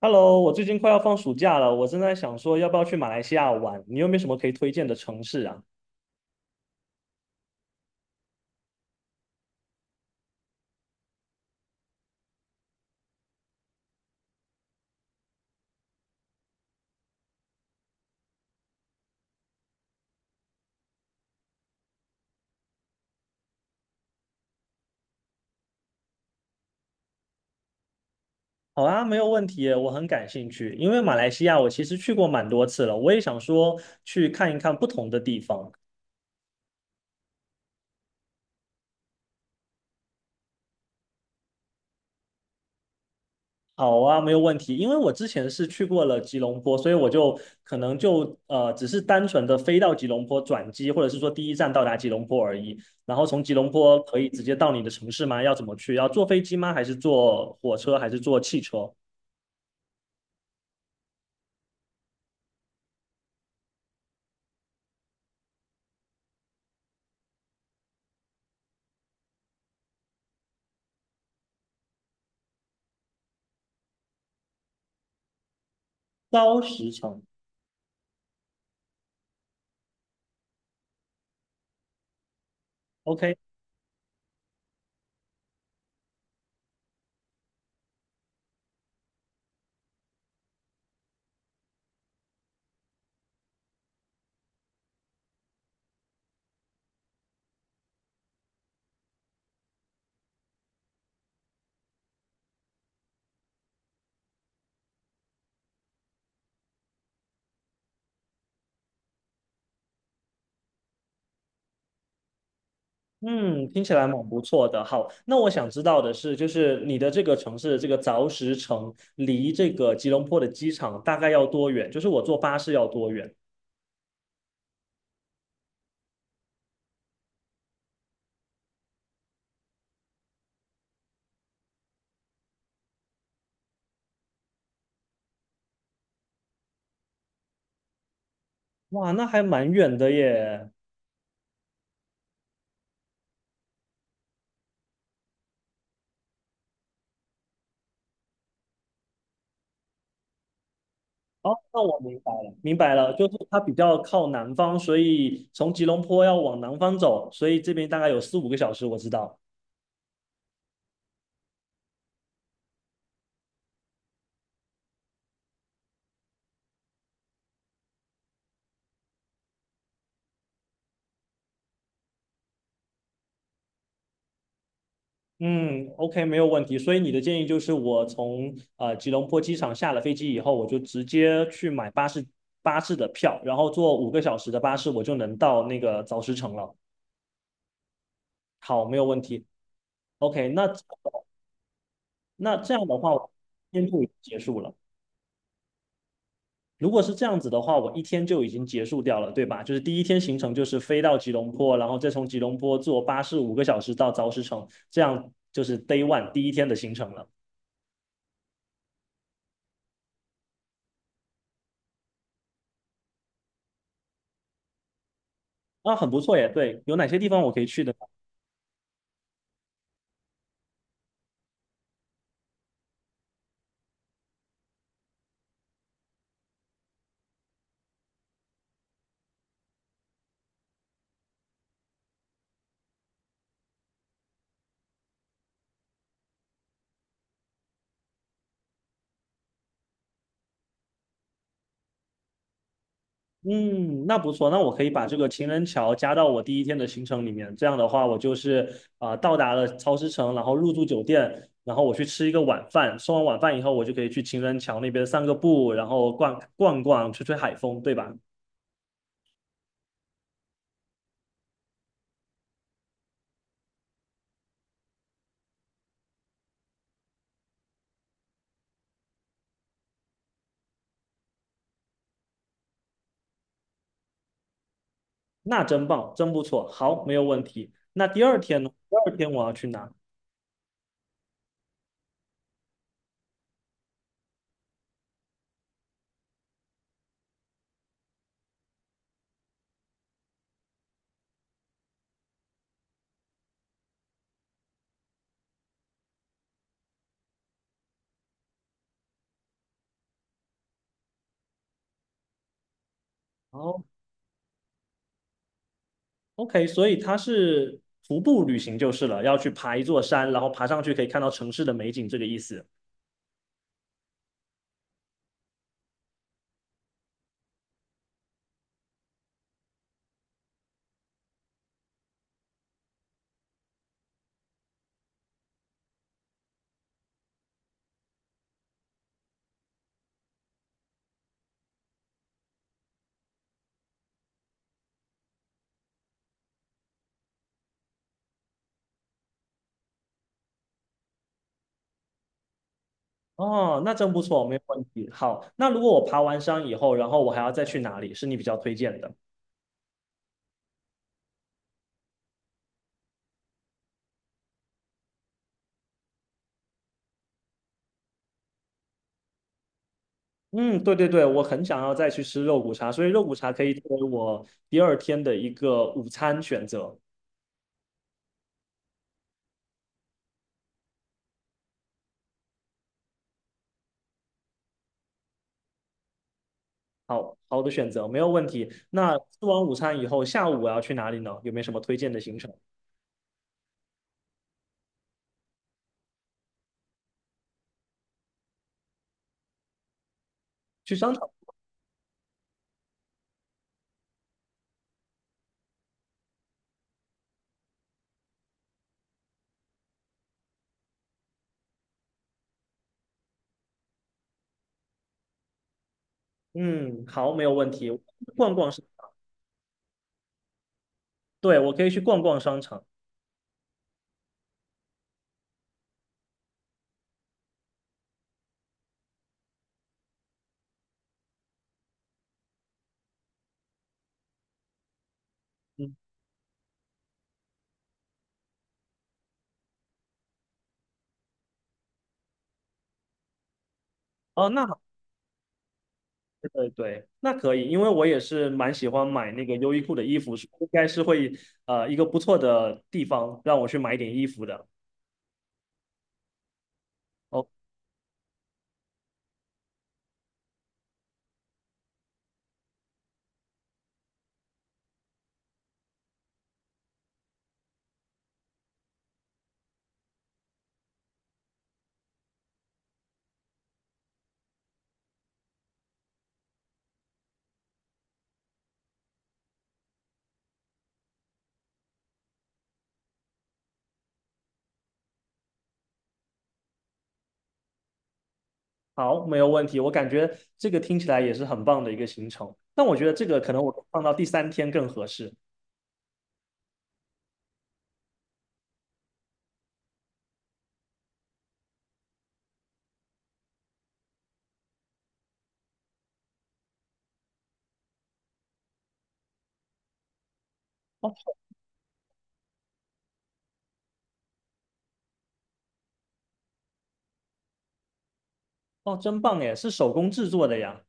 Hello,我最近快要放暑假了，我正在想说要不要去马来西亚玩，你有没有什么可以推荐的城市啊？好啊，没有问题耶我很感兴趣，因为马来西亚我其实去过蛮多次了，我也想说去看一看不同的地方。好啊，没有问题，因为我之前是去过了吉隆坡，所以我就可能就只是单纯的飞到吉隆坡转机，或者是说第一站到达吉隆坡而已。然后从吉隆坡可以直接到你的城市吗？要怎么去？要坐飞机吗？还是坐火车？还是坐汽车？高时程。OK。嗯，听起来蛮不错的。好，那我想知道的是，就是你的这个城市，这个凿石城离这个吉隆坡的机场大概要多远？就是我坐巴士要多远？哇，那还蛮远的耶。哦，那我明白了，明白了，就是它比较靠南方，所以从吉隆坡要往南方走，所以这边大概有4、5个小时，我知道。嗯，OK，没有问题。所以你的建议就是，我从吉隆坡机场下了飞机以后，我就直接去买巴士的票，然后坐五个小时的巴士，我就能到那个早石城了。好，没有问题。OK。那这样的话，我今天就已经结束了。如果是这样子的话，我一天就已经结束掉了，对吧？就是第一天行程就是飞到吉隆坡，然后再从吉隆坡坐巴士五个小时到早石城，这样就是 Day One 第一天的行程了。啊，很不错耶。对，有哪些地方我可以去的？嗯，那不错，那我可以把这个情人桥加到我第一天的行程里面。这样的话，我就是到达了超石城，然后入住酒店，然后我去吃一个晚饭。吃完晚饭以后，我就可以去情人桥那边散个步，然后逛逛，吹吹海风，对吧？那真棒，真不错。好，没有问题。那第二天呢？第二天我要去哪？哦，OK，所以它是徒步旅行就是了，要去爬一座山，然后爬上去可以看到城市的美景，这个意思。哦，那真不错，没有问题。好，那如果我爬完山以后，然后我还要再去哪里，是你比较推荐的？嗯，对对对，我很想要再去吃肉骨茶，所以肉骨茶可以作为我第二天的一个午餐选择。好好的选择，没有问题。那吃完午餐以后，下午我要去哪里呢？有没有什么推荐的行程？去商场。嗯，好，没有问题。逛逛是，对，我可以去逛逛商场。嗯，哦，那，好。对对，那可以，因为我也是蛮喜欢买那个优衣库的衣服，应该是会一个不错的地方让我去买点衣服的。哦，好，没有问题，我感觉这个听起来也是很棒的一个行程。但我觉得这个可能我放到第三天更合适。哦哦，真棒耶，是手工制作的呀。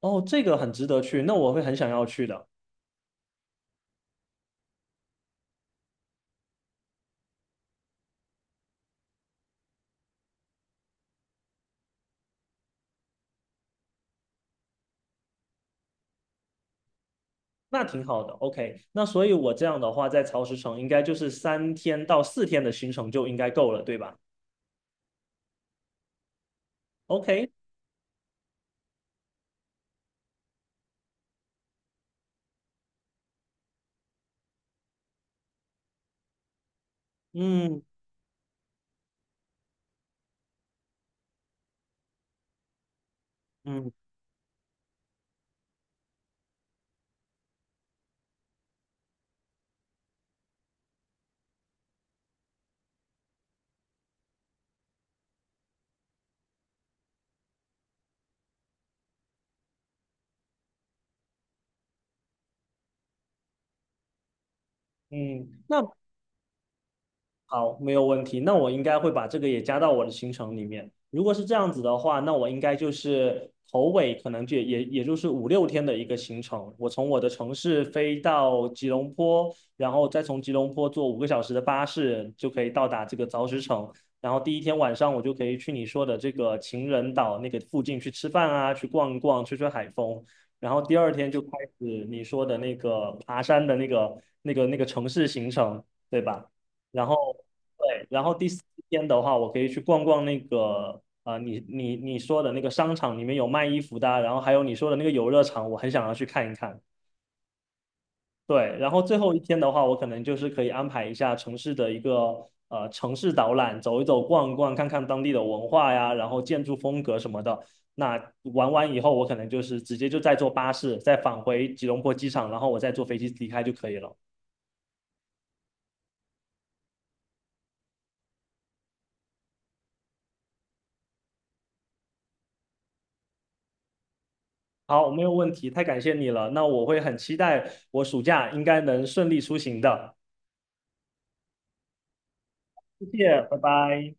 哦，这个很值得去，那我会很想要去的。那挺好的，OK。那所以我这样的话，在曹石城应该就是3天到4天的行程就应该够了，对吧？OK，嗯。嗯，嗯，那好，没有问题。那我应该会把这个也加到我的行程里面。如果是这样子的话，那我应该就是头尾可能就也就是5、6天的一个行程。我从我的城市飞到吉隆坡，然后再从吉隆坡坐五个小时的巴士，就可以到达这个凿石城。然后第一天晚上我就可以去你说的这个情人岛那个附近去吃饭啊，去逛一逛，吹吹海风。然后第二天就开始你说的那个爬山的那个城市行程，对吧？然后对，然后第四天的话，我可以去逛逛那个你说的那个商场里面有卖衣服的啊然后还有你说的那个游乐场，我很想要去看一看。对，然后最后一天的话，我可能就是可以安排一下城市的一个城市导览，走一走、逛一逛，看看当地的文化呀，然后建筑风格什么的。那玩完以后，我可能就是直接就再坐巴士，再返回吉隆坡机场，然后我再坐飞机离开就可以了。好，没有问题，太感谢你了。那我会很期待我暑假应该能顺利出行的。谢谢，拜拜。